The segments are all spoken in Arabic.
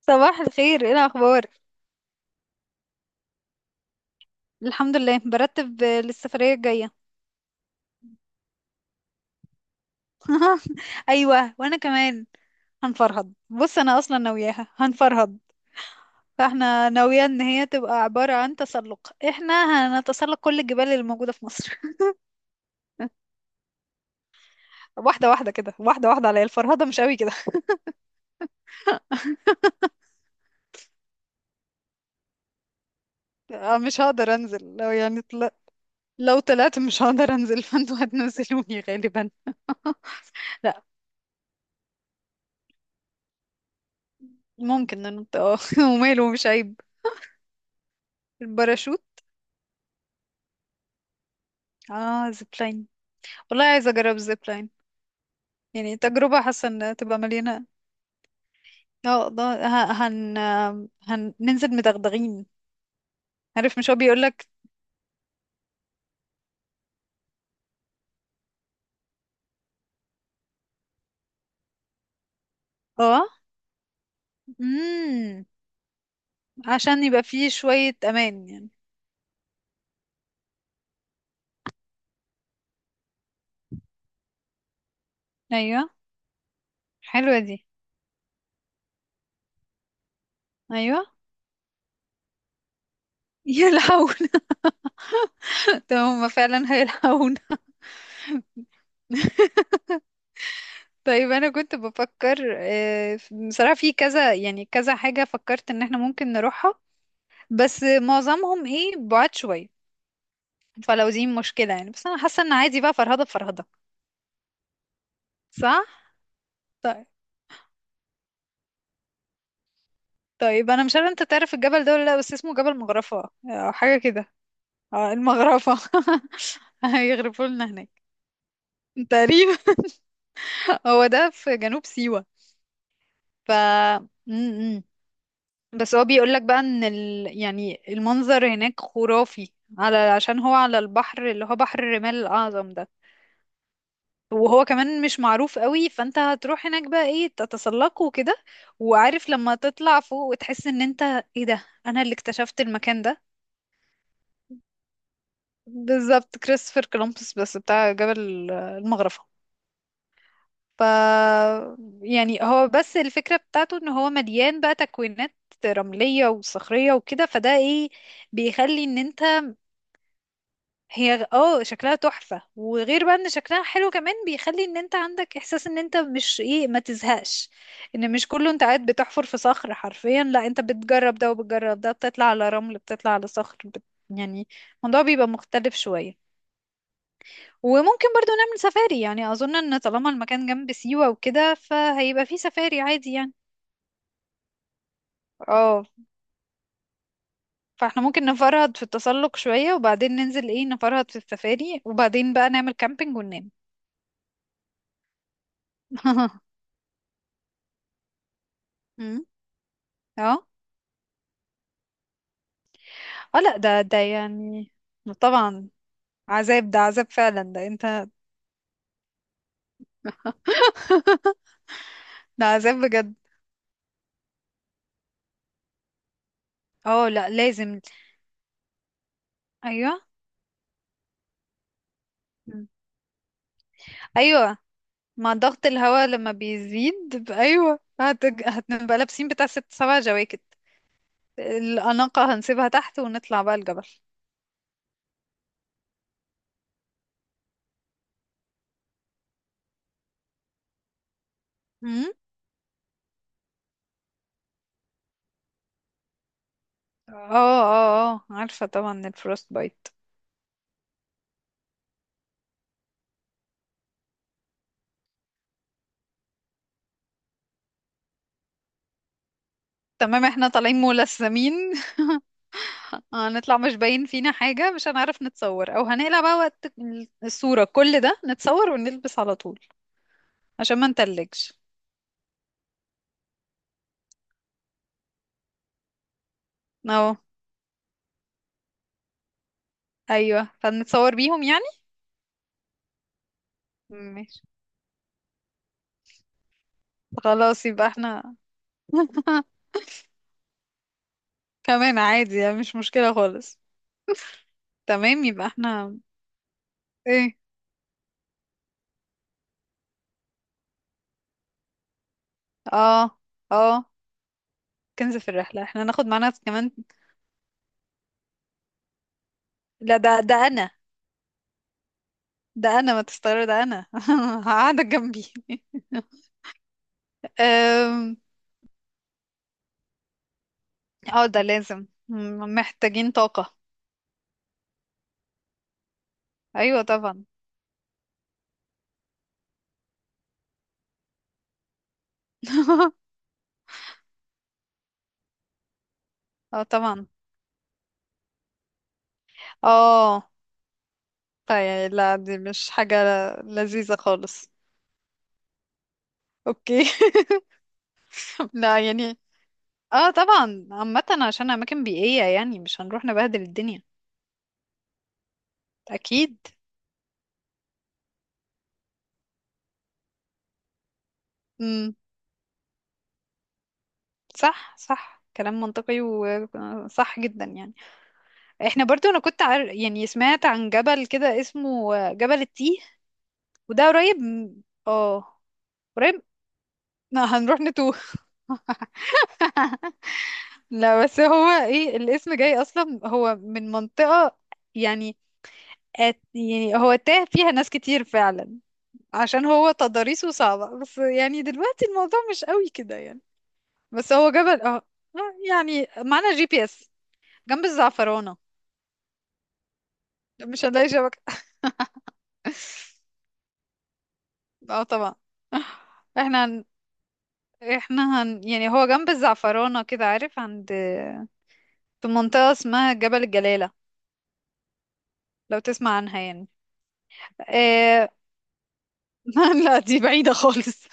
صباح الخير، ايه الاخبار؟ الحمد لله، برتب للسفريه الجايه. ايوه وانا كمان هنفرهد. بص انا اصلا ناوياها هنفرهد. فاحنا ناويه ان هي تبقى عباره عن تسلق. احنا هنتسلق كل الجبال اللي موجوده في مصر. واحده واحده كده، واحده واحده، عليا الفرهده مش قوي كده. مش هقدر انزل لو يعني لو طلعت مش هقدر انزل. فانتوا هتنزلوني غالبا. لا، ممكن ننط، اه. وماله، مش عيب. الباراشوت. اه، زيبلاين. والله عايزه اجرب زيبلاين. يعني تجربة، حاسة ان تبقى مليانة. اه ده هن هننزل مدغدغين. عارف، مش هو بيقولك. اه. امم عشان يبقى فيه شوية امان يعني. ايوه. حلوة دي. ايوه. يلحون. طب هما فعلا هيلحون؟ طيب، انا كنت بفكر، بصراحة، في كذا يعني كذا حاجة فكرت ان احنا ممكن نروحها. بس معظمهم ايه، بعاد شوية. فلو دي مشكلة يعني، بس انا حاسة ان عادي بقى، فرهدة فرهدة. صح؟ طيب. طيب انا مش عارفه انت تعرف الجبل ده ولا لا، بس اسمه جبل مغرفه او حاجه كده. اه، المغرفه. هيغرفوا لنا هناك. تقريبا. هو ده في جنوب سيوه. ف م-م. بس هو بيقول لك بقى ان يعني المنظر هناك خرافي، على عشان هو على البحر اللي هو بحر الرمال الاعظم ده. وهو كمان مش معروف قوي، فانت هتروح هناك بقى ايه، تتسلقه وكده. وعارف لما تطلع فوق وتحس ان انت، ايه ده، انا اللي اكتشفت المكان ده. بالظبط، كريستوفر كولومبوس بس بتاع جبل المغرفة. ف يعني هو بس الفكرة بتاعته ان هو مليان بقى تكوينات رملية وصخرية وكده. فده ايه، بيخلي ان انت، هي اه شكلها تحفة، وغير بقى ان شكلها حلو كمان، بيخلي ان انت عندك احساس ان انت مش ايه، ما تزهقش. ان مش كله انت قاعد بتحفر في صخر حرفيا، لا انت بتجرب ده وبتجرب ده، بتطلع على رمل بتطلع على صخر يعني الموضوع بيبقى مختلف شوية. وممكن برضو نعمل سفاري يعني، اظن ان طالما المكان جنب سيوة وكده فهيبقى فيه سفاري عادي يعني. اه، فاحنا ممكن نفرهد في التسلق شوية وبعدين ننزل ايه، نفرهد في السفاري، وبعدين بقى نعمل كامبينج وننام. أمم، اه. اه. لا ده ده يعني طبعا، عذاب ده عذاب فعلا، ده انت. ده عذاب بجد. اه، لا لازم. ايوه. أمم. ايوه، مع ضغط الهواء لما بيزيد ايوه هتبقى لابسين بتاع ست سبع جواكت. الأناقة هنسيبها تحت ونطلع بقى الجبل. امم اه. اه. اه عارفة طبعا، الفروست بايت. تمام، احنا طالعين ملثمين. هنطلع مش باين فينا حاجة، مش هنعرف نتصور، او هنقلع بقى وقت الصورة، كل ده نتصور ونلبس على طول عشان ما نتلجش. اه. ايوه، فنتصور بيهم يعني. ماشي، خلاص يبقى احنا. كمان عادي يعني، مش مشكلة خالص. تمام، يبقى احنا ايه. اه. اه كنز في الرحلة، احنا ناخد معانا كمان. لا ده ده انا، ده انا ما تستغرب، ده انا قاعده جنبي. أم، اه ده لازم، محتاجين طاقة. ايوه طبعا. اه طبعا. اه. طيب لا دي مش حاجة لذيذة خالص. اوكي. لا يعني، اه طبعا عامة عشان اماكن بيئية يعني، مش هنروح نبهدل الدنيا. اكيد. امم صح صح، كلام منطقي وصح جدا يعني. احنا برضو، انا كنت يعني سمعت عن جبل كده اسمه جبل التيه، وده قريب اه، قريب. ما هنروح نتوه. لا بس هو ايه، الاسم جاي اصلا هو من منطقة، يعني أت، يعني هو تاه فيها ناس كتير فعلا، عشان هو تضاريسه صعبة، بس يعني دلوقتي الموضوع مش قوي كده يعني. بس هو جبل، اه يعني معانا جي بي اس. جنب الزعفرانة. مش هنلاقي شبكة. اه طبعا. احنا هن... يعني هو جنب الزعفرانة كده، عارف عند، في منطقة اسمها جبل الجلالة، لو تسمع عنها يعني. آه. لا دي بعيدة خالص.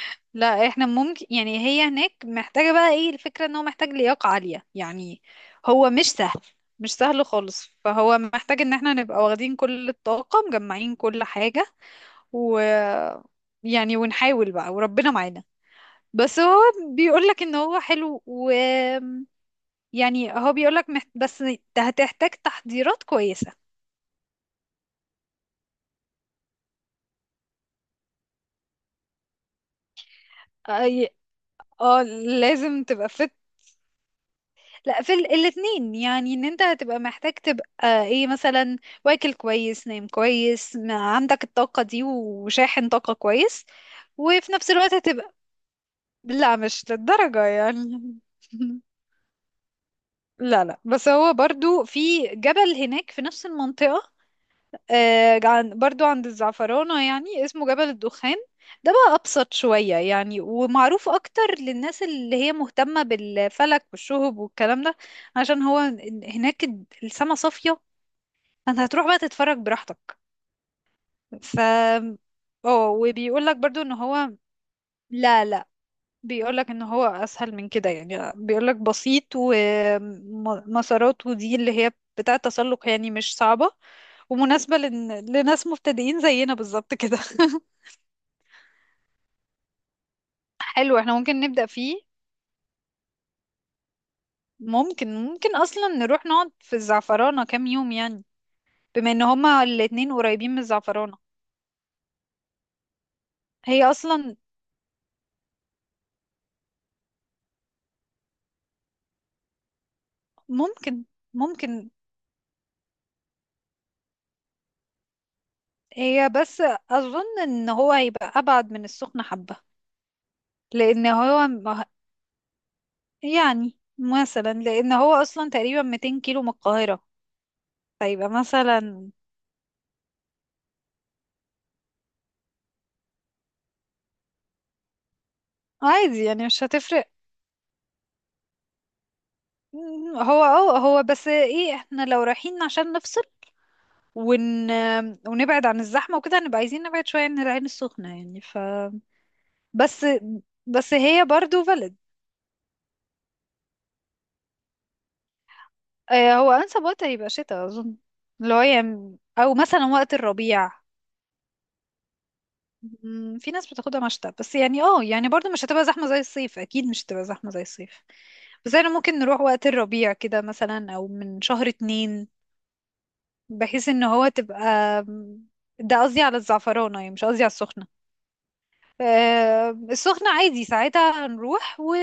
لا احنا ممكن يعني، هي هناك محتاجة بقى ايه، الفكرة ان هو محتاج لياقة عالية يعني. هو مش سهل، مش سهل خالص، فهو محتاج ان احنا نبقى واخدين كل الطاقة، مجمعين كل حاجة، و يعني ونحاول بقى وربنا معانا. بس هو بيقولك ان هو حلو، و يعني هو بيقولك بس هتحتاج تحضيرات كويسة. أي... اه، لازم تبقى fit. لا في الاتنين يعني، ان انت هتبقى محتاج تبقى ايه مثلا، واكل كويس، نايم كويس، ما عندك الطاقة دي، وشاحن طاقة كويس. وفي نفس الوقت هتبقى، لا مش للدرجة يعني. لا لا، بس هو برضو في جبل هناك في نفس المنطقة، عن برضو عند الزعفرانة يعني، اسمه جبل الدخان. ده بقى أبسط شوية يعني، ومعروف أكتر للناس اللي هي مهتمة بالفلك والشهب والكلام ده، عشان هو هناك السما صافية، فأنت هتروح بقى تتفرج براحتك. ف اه، وبيقول لك برضو ان هو، لا لا، بيقولك ان هو اسهل من كده يعني، بيقولك بسيط، ومسارات، ودي اللي هي بتاعة تسلق يعني مش صعبة، ومناسبة لن... لناس مبتدئين زينا بالظبط كده. حلو، احنا ممكن نبدأ فيه. ممكن، ممكن اصلا نروح نقعد في الزعفرانة كام يوم يعني، بما ان هما الاتنين قريبين من الزعفرانة. هي اصلا ممكن، ممكن. هي بس اظن ان هو هيبقى ابعد من السخنة حبة. لان هو يعني مثلا، لان هو اصلا تقريبا 200 كيلو من القاهرة، فيبقى مثلا، عادي يعني مش هتفرق. هو اه هو بس ايه، احنا لو رايحين عشان نفصل ون... ونبعد عن الزحمة وكده، هنبقى عايزين نبعد شوية عن العين السخنة يعني. ف بس، بس هي برضو بلد. هو انسب وقت هيبقى شتاء اظن، اللي هو يعني، او مثلا وقت الربيع. في ناس بتاخدها مشتى، بس يعني اه، يعني برضو مش هتبقى زحمة زي الصيف، اكيد مش هتبقى زحمة زي الصيف. بس احنا ممكن نروح وقت الربيع كده مثلا، او من شهر اتنين، بحيث ان هو تبقى، ده قصدي على الزعفرانة يعني، مش قصدي على السخنة. السخنة عادي ساعتها هنروح و...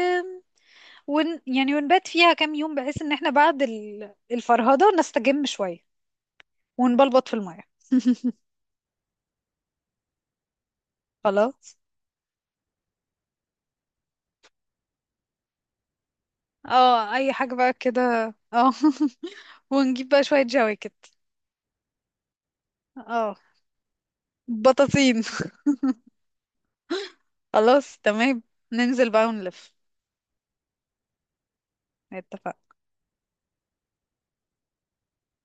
ون... يعني ونبات فيها كام يوم، بحيث ان احنا بعد الفرهدة نستجم شوية ونبلبط في المية. خلاص. اه اي حاجة بقى كده. اه. ونجيب بقى شوية جواكت. اه، بطاطين. خلاص تمام، ننزل بقى ونلف. اتفقنا.